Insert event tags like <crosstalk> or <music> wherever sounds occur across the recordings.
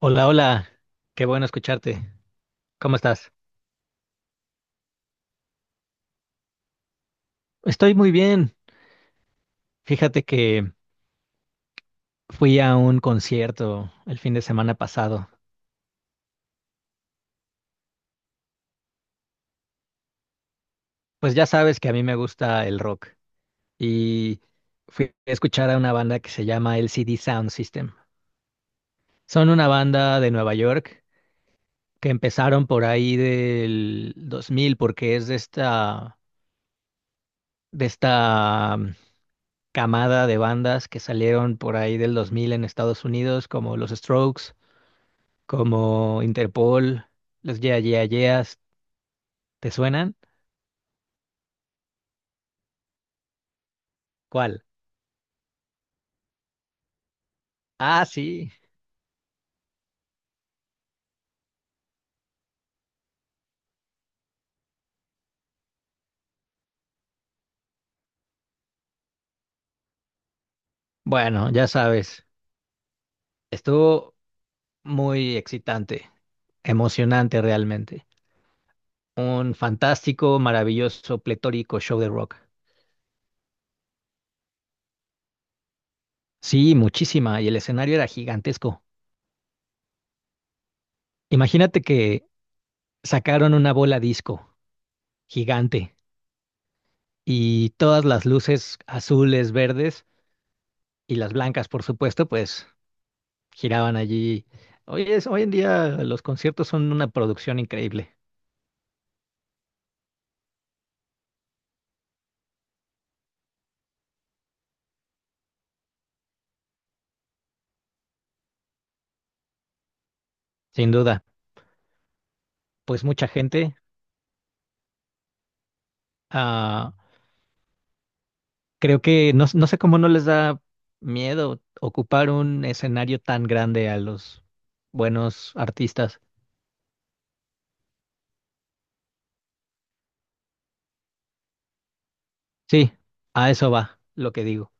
Hola, hola, qué bueno escucharte. ¿Cómo estás? Estoy muy bien. Fíjate que fui a un concierto el fin de semana pasado. Pues ya sabes que a mí me gusta el rock y fui a escuchar a una banda que se llama LCD Sound System. Son una banda de Nueva York que empezaron por ahí del 2000, porque es de esta, de esta camada de bandas que salieron por ahí del 2000 en Estados Unidos, como los Strokes, como Interpol, los Yeah Yeah Yeahs. ¿Te suenan? ¿Cuál? Ah, sí. Bueno, ya sabes, estuvo muy excitante, emocionante realmente. Un fantástico, maravilloso, pletórico show de rock. Sí, muchísima, y el escenario era gigantesco. Imagínate que sacaron una bola disco gigante, y todas las luces azules, verdes y las blancas, por supuesto, pues giraban allí. Hoy en día los conciertos son una producción increíble, sin duda. Pues mucha gente, ah, creo que no, no sé cómo no les da miedo ocupar un escenario tan grande a los buenos artistas. Sí, a eso va lo que digo.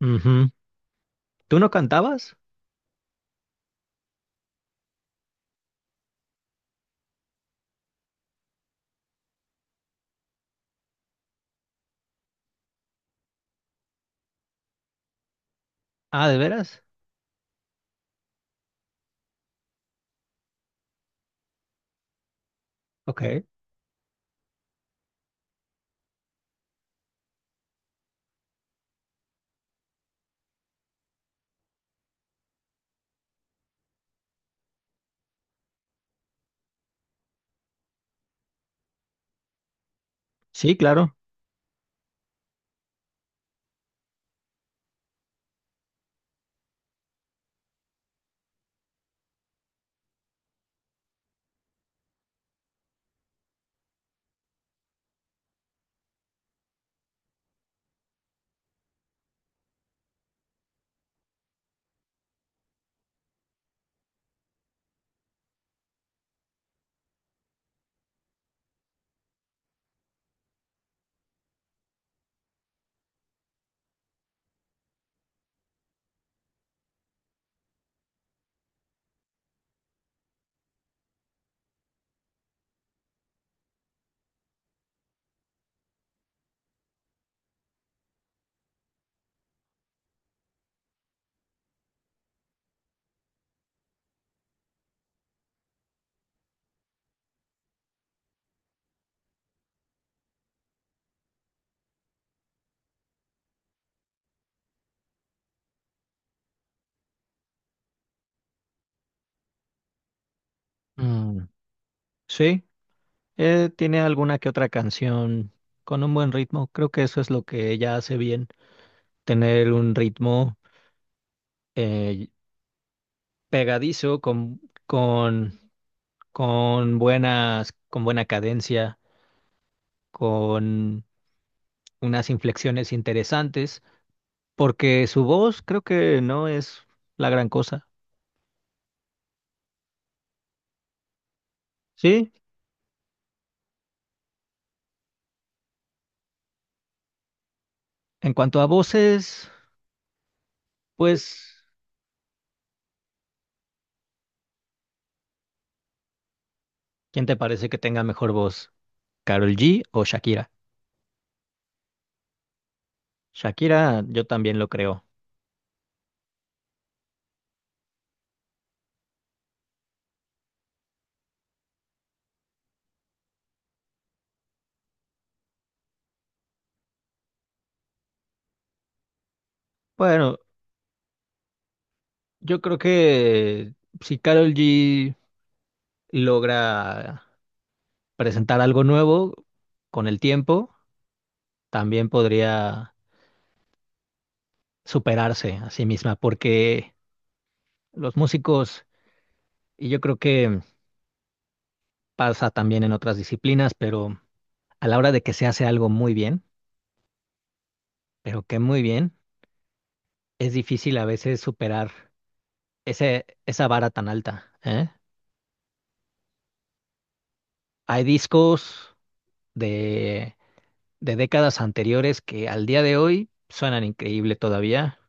Ujú. ¿Tú no cantabas? Ah, ¿de veras? Ok. Sí, claro. Mm, sí, tiene alguna que otra canción con un buen ritmo. Creo que eso es lo que ella hace bien. Tener un ritmo, eh, pegadizo con, con buenas, con buena cadencia, con unas inflexiones interesantes, porque su voz creo que no es la gran cosa. Sí, en cuanto a voces, pues, ¿quién te parece que tenga mejor voz? ¿Carol G o Shakira? Shakira, yo también lo creo. Bueno, yo creo que si Carol G logra presentar algo nuevo con el tiempo, también podría superarse a sí misma, porque los músicos, y yo creo que pasa también en otras disciplinas, pero a la hora de que se hace algo muy bien, pero que muy bien, es difícil a veces superar esa vara tan alta, ¿eh? Hay discos de, de décadas anteriores que al día de hoy suenan increíble todavía,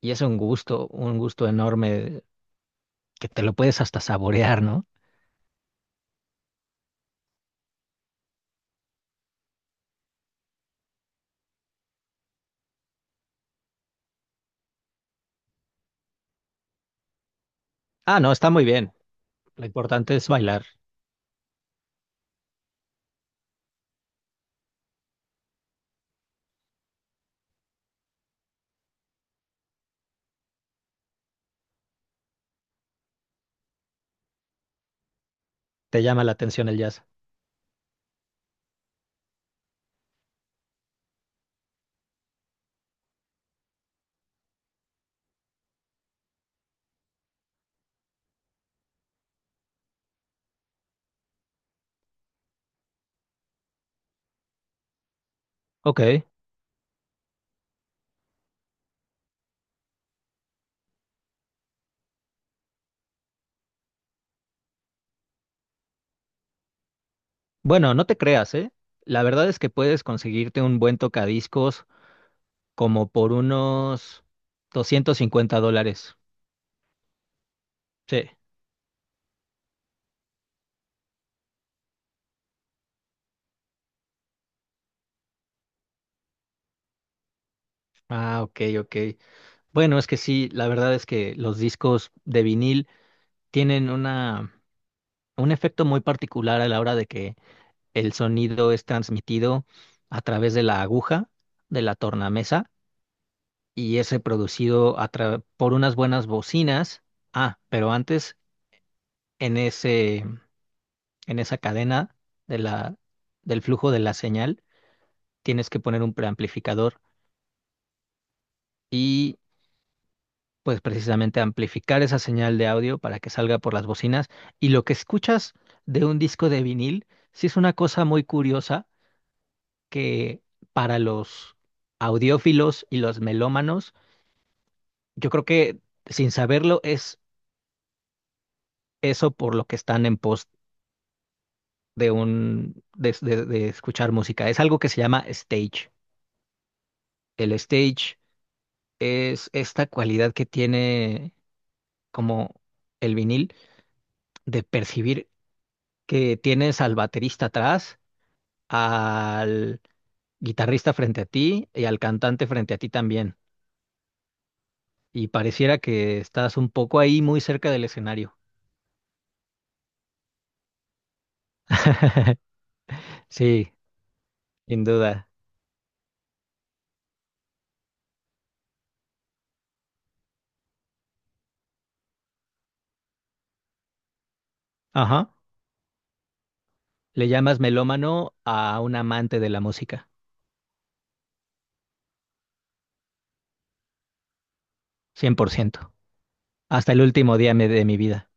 y es un gusto enorme que te lo puedes hasta saborear, ¿no? Ah, no, está muy bien. Lo importante es bailar. Te llama la atención el jazz. Ok. Bueno, no te creas, ¿eh? La verdad es que puedes conseguirte un buen tocadiscos como por unos $250. Sí. Ah, ok, ok. Bueno, es que sí, la verdad es que los discos de vinil tienen una, un efecto muy particular a la hora de que el sonido es transmitido a través de la aguja, de la tornamesa, y ese producido a tra- por unas buenas bocinas. Ah, pero antes en ese, en esa cadena de la, del flujo de la señal tienes que poner un preamplificador y pues precisamente amplificar esa señal de audio para que salga por las bocinas. Y lo que escuchas de un disco de vinil, sí es una cosa muy curiosa que para los audiófilos y los melómanos, yo creo que sin saberlo es eso por lo que están en pos de un de escuchar música. Es algo que se llama stage. El stage es esta cualidad que tiene como el vinil de percibir que tienes al baterista atrás, al guitarrista frente a ti y al cantante frente a ti también. Y pareciera que estás un poco ahí muy cerca del escenario. <laughs> Sí, sin duda. Ajá. Le llamas melómano a un amante de la música, cien por ciento. Hasta el último día me- de mi vida.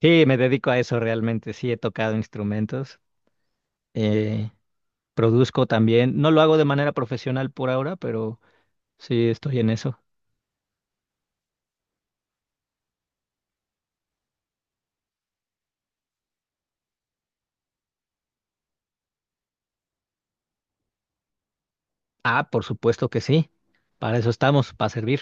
Sí, me dedico a eso realmente. Sí, he tocado instrumentos. eh, Produzco también. No lo hago de manera profesional por ahora, pero sí estoy en eso. Ah, por supuesto que sí. Para eso estamos, para servir.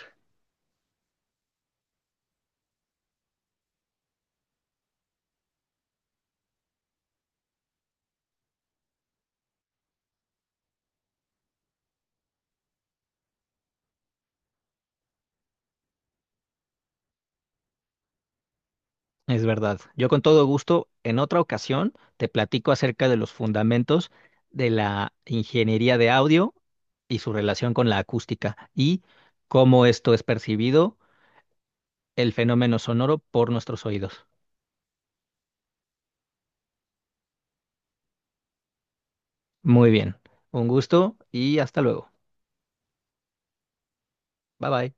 Es verdad. Yo con todo gusto, en otra ocasión, te platico acerca de los fundamentos de la ingeniería de audio y su relación con la acústica y cómo esto es percibido, el fenómeno sonoro por nuestros oídos. Muy bien. Un gusto y hasta luego. Bye bye.